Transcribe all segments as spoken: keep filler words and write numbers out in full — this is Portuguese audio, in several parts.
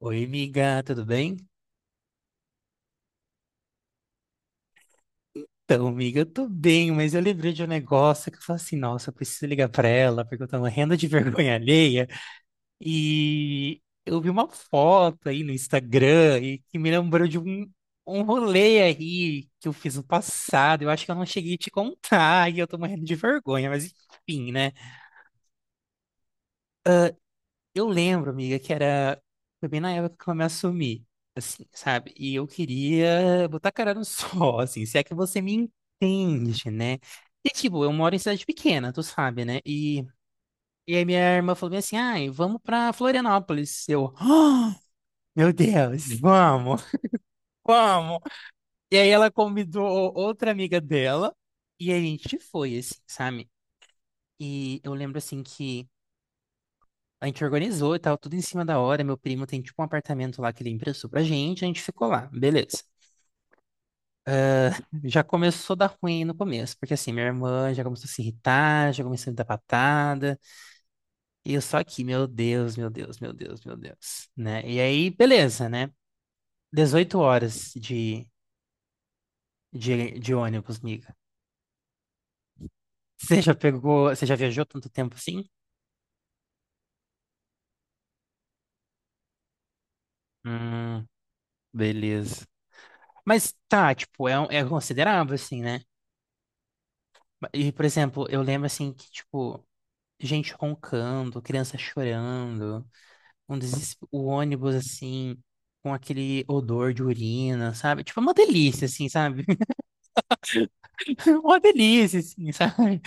Oi, amiga, tudo bem? Então, amiga, eu tô bem, mas eu lembrei de um negócio que eu falei assim, nossa, eu preciso ligar pra ela, porque eu tô morrendo de vergonha alheia. E eu vi uma foto aí no Instagram e que me lembrou de um, um rolê aí que eu fiz no passado. Eu acho que eu não cheguei a te contar e eu tô morrendo de vergonha, mas enfim, né? Eu lembro, amiga, que era. Foi bem na época que eu me assumi, assim, sabe? E eu queria botar a cara no sol, assim, se é que você me entende, né? E, tipo, eu moro em cidade pequena, tu sabe, né? E, e aí minha irmã falou bem assim: ai, vamos pra Florianópolis. Eu, "Ah, meu Deus, vamos, vamos. E aí ela convidou outra amiga dela e a gente foi, assim, sabe? E eu lembro, assim, que. A gente organizou e tal, tudo em cima da hora. Meu primo tem tipo um apartamento lá que ele emprestou pra gente, a gente ficou lá, beleza. Já começou a dar ruim no começo, porque assim, minha irmã já começou a se irritar, já começou a me dar patada, e eu só aqui, meu Deus, meu Deus, meu Deus, meu Deus, né? E aí, beleza, né? Dezoito horas de, de, de ônibus, miga. Você já pegou, você já viajou tanto tempo assim? Hum, beleza. Mas tá, tipo, é, um- é considerável assim, né? E, por exemplo, eu lembro assim que, tipo, gente roncando, criança chorando, um deses- o ônibus assim, com aquele odor de urina, sabe? Tipo, é uma delícia, assim, sabe? Uma delícia, assim, sabe?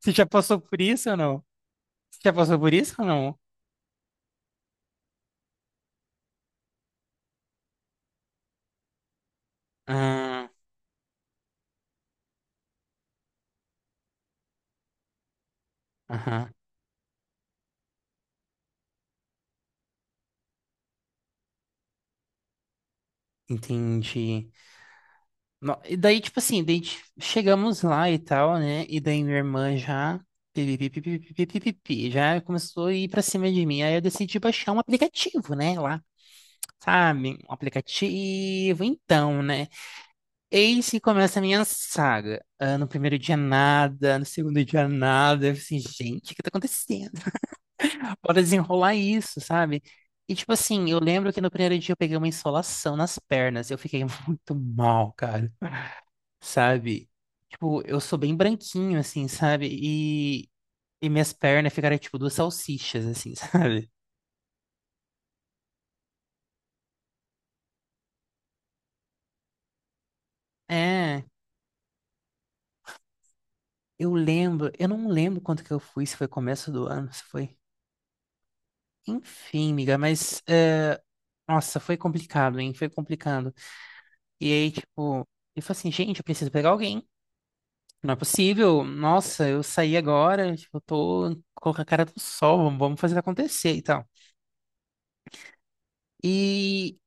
Você já passou por isso ou não? Você já passou por isso ou não? Ah, aham, entendi. No- E daí, tipo assim, daí t- chegamos lá e tal, né? E daí minha irmã já. Pi, pi, pi, pi, pi, pi, pi, pi, pi, já começou a ir pra cima de mim. Aí eu decidi baixar um aplicativo, né? Lá. Sabe, um aplicativo, então, né? Eis que começa a minha saga. Ah, no primeiro dia nada, no segundo dia nada. Eu assim, gente, o que tá acontecendo? Bora desenrolar isso, sabe? E tipo assim, eu lembro que no primeiro dia eu peguei uma insolação nas pernas. Eu fiquei muito mal, cara. Sabe? Tipo, eu sou bem branquinho, assim, sabe? E, e minhas pernas ficaram tipo duas salsichas, assim, sabe? É, eu lembro, eu não lembro quanto que eu fui, se foi começo do ano, se foi. Enfim, amiga, mas é, nossa, foi complicado, hein? Foi complicado. E aí, tipo, eu falei assim, gente, eu preciso pegar alguém. Não é possível. Nossa, eu saí agora, tipo, eu tô com a cara do sol, vamos vamos fazer acontecer e tal. E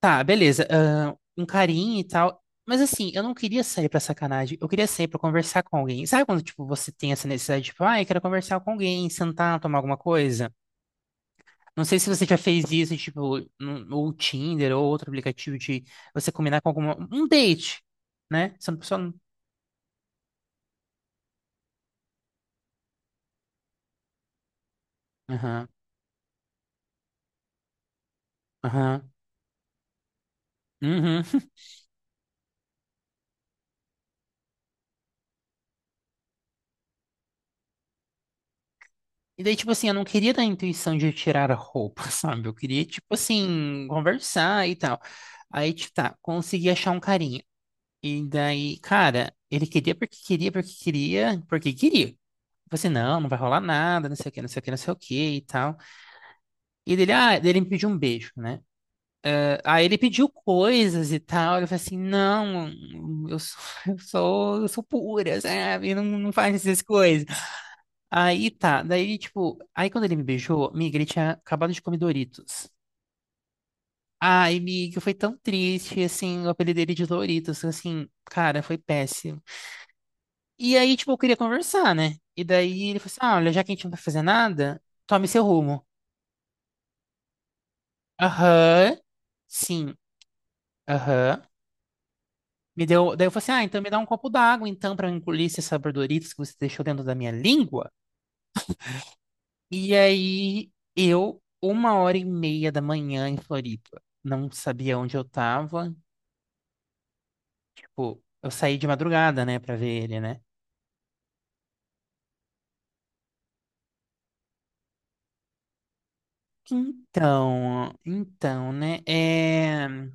tá, beleza. Ah, um carinho e tal. Mas assim, eu não queria sair pra sacanagem, eu queria sair pra conversar com alguém. Sabe quando, tipo, você tem essa necessidade, tipo, ah, eu quero conversar com alguém, sentar, tomar alguma coisa? Não sei se você já fez isso, tipo, no, no Tinder ou outro aplicativo de você combinar com alguma, um date, né? Você não só. não- Aham, aham, uhum. E daí, tipo assim, eu não queria dar a intuição de tirar a roupa, sabe? Eu queria, tipo assim, conversar e tal. Aí, tipo, tá, consegui achar um carinha. E daí, cara, ele queria porque queria, porque queria, porque queria. Eu falei assim, não, não vai rolar nada, não sei o que, não sei o que, não sei o que e tal. E dele, ah, dele me pediu um beijo, né? Aí ele pediu coisas e tal. Eu falei assim, não, eu sou, eu sou, eu sou pura, sabe? Não, não faz essas coisas. Aí tá, daí tipo, aí quando ele me beijou, miga, ele tinha acabado de comer Doritos. Ai, miga, foi tão triste, assim, o apelido dele de Doritos, assim, cara, foi péssimo. E aí, tipo, eu queria conversar, né? E daí ele falou assim, ah, olha, já que a gente não vai fazer nada, tome seu rumo. Aham, sim, aham. Me deu, daí eu falei assim, ah, então me dá um copo d'água, então, para eu engolir esses sabordoritos que você deixou dentro da minha língua. E aí, eu, uma hora e meia da manhã em Floripa, não sabia onde eu tava, tipo, eu saí de madrugada, né, pra ver ele, né? Então, então, né, é...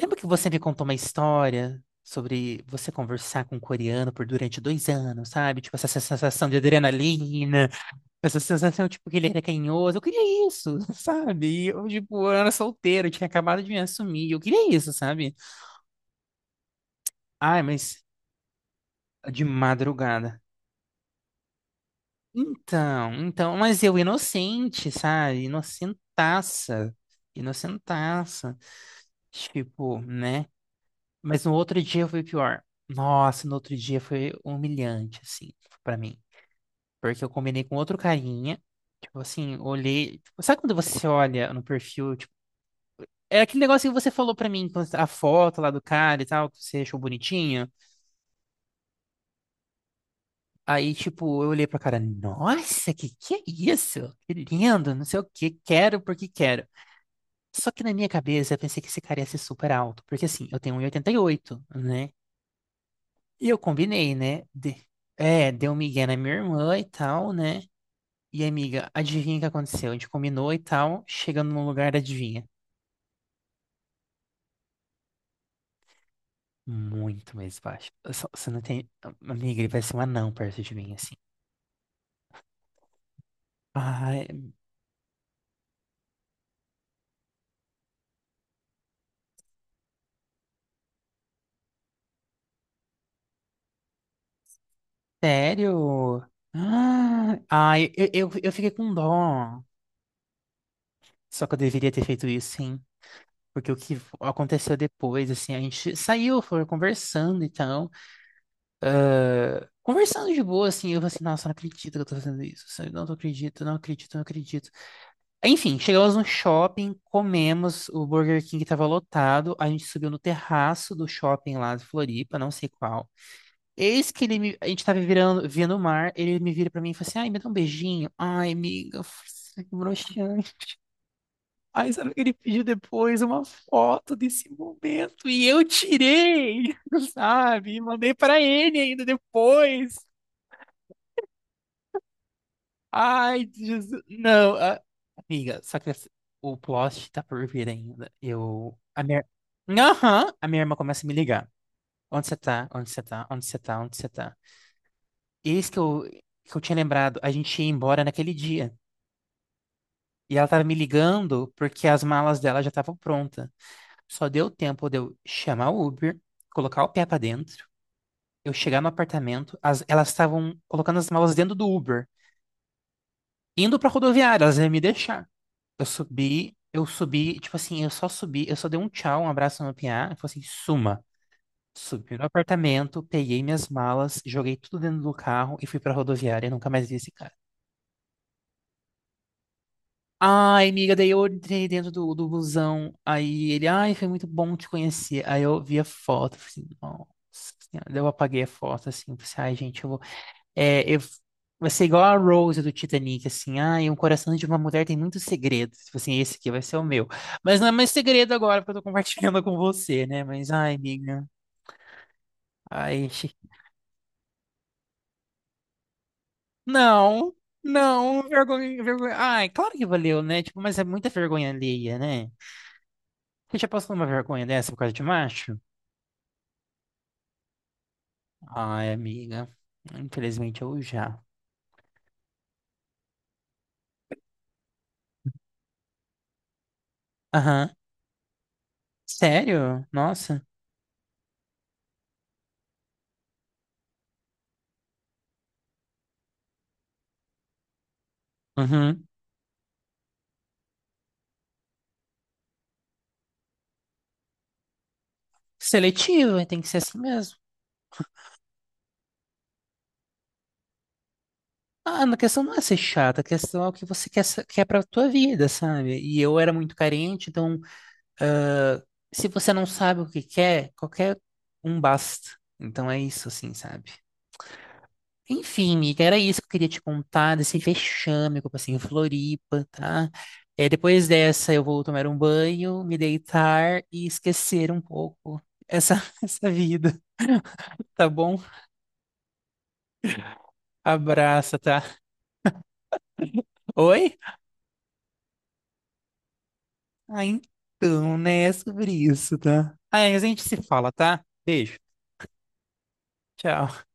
Lembra que você me contou uma história sobre você conversar com um coreano por durante dois anos, sabe? Tipo, essa sensação de adrenalina. Essa sensação, tipo, que ele era carinhoso. Eu queria isso, sabe? E eu, tipo, eu era solteiro, eu tinha acabado de me assumir. Eu queria isso, sabe? Ai, mas de madrugada. Então, então, mas eu inocente, sabe? Inocentaça. Inocentaça. Tipo, né? Mas no outro dia foi pior. Nossa, no outro dia foi humilhante, assim, pra mim. Porque eu combinei com outro carinha. Tipo assim, olhei. Tipo, sabe quando você olha no perfil, é aquele negócio que você falou pra mim, quando a foto lá do cara e tal, que você achou bonitinho. Aí, tipo, eu olhei pra cara, nossa, que que é isso? Que lindo, não sei o que, quero porque quero. Só que na minha cabeça eu pensei que esse cara ia ser super alto, porque assim, eu tenho um vírgula oitenta e oito, né? E eu combinei, né? De... É, deu um migué na minha irmã e tal, né? E amiga, adivinha o que aconteceu? A gente combinou e tal, chegando no lugar, adivinha? Muito mais baixo. Eu só- Você não tem. Amiga, ele vai ser um anão perto de mim, assim. Ai, sério? Ah, ai, eu, eu, eu fiquei com dó. Só que eu deveria ter feito isso, sim. Porque o que aconteceu depois, assim, a gente saiu, foi conversando e tal. Conversando de boa, assim, eu falei assim, nossa, não acredito que eu tô fazendo isso, sabe? Não, não acredito, não acredito, não acredito. Enfim, chegamos no shopping, comemos, o Burger King tava lotado, a gente subiu no terraço do shopping lá de Floripa, não sei qual. Eis que ele me, a gente tava virando, vendo o mar, ele me vira pra mim e fala assim, ai, me dá um beijinho. Ai, amiga, nossa, que broxante. Ai, sabe o que ele pediu depois? Uma foto desse momento. E eu tirei, sabe? E mandei pra ele ainda depois. Ai, Jesus. Não, a- amiga, só que essa- o plot tá por vir ainda. Eu, a minha... Aham, a minha irmã começa a me ligar. Onde você tá? Onde você tá? Onde você tá? Onde você tá? Eis que eu, que eu tinha lembrado, a gente ia embora naquele dia. E ela tava me ligando porque as malas dela já estavam prontas. Só deu tempo de eu chamar o Uber, colocar o pé pra dentro, eu chegar no apartamento, as- elas estavam colocando as malas dentro do Uber, indo pra rodoviária, elas iam me deixar. Eu subi, eu subi, tipo assim, eu só subi, eu só dei um tchau, um abraço no P A, e falei assim, suma. Subi no apartamento, peguei minhas malas, joguei tudo dentro do carro e fui pra rodoviária e nunca mais vi esse cara. Ai, amiga, daí eu entrei dentro do, do busão. Aí ele, ai, foi muito bom te conhecer. Aí eu vi a foto, falei assim, nossa senhora. Daí eu apaguei a foto, assim, falei assim, ai, gente, eu vou. É, eu... Vai ser igual a Rose do Titanic, assim, ai, um coração de uma mulher tem muitos segredos. Tipo assim, esse aqui vai ser o meu. Mas não é mais segredo agora, porque eu tô compartilhando com você, né? Mas, ai, amiga, ai, chi- não, não, vergonha, vergonha. Ai, claro que valeu, né? Tipo, mas é muita vergonha alheia, né? Você já passou uma vergonha dessa por causa de macho? Ai, amiga. Infelizmente eu já. Aham. Sério? Nossa. Uhum. Seletivo, tem que ser assim mesmo. Ah, a questão não é ser chata, a questão é o que você quer, sa- quer pra tua vida, sabe? E eu era muito carente, então, ah, se você não sabe o que quer, qualquer um basta. Então é isso, assim, sabe? Enfim, amiga, era isso que eu queria te contar desse vexame que eu passei em Floripa, tá? É, depois dessa, eu vou tomar um banho, me deitar e esquecer um pouco essa, essa vida, tá bom? Abraça, tá? Oi? Ah, então, né? É sobre isso, tá? Ah, é, a gente se fala, tá? Beijo. Tchau.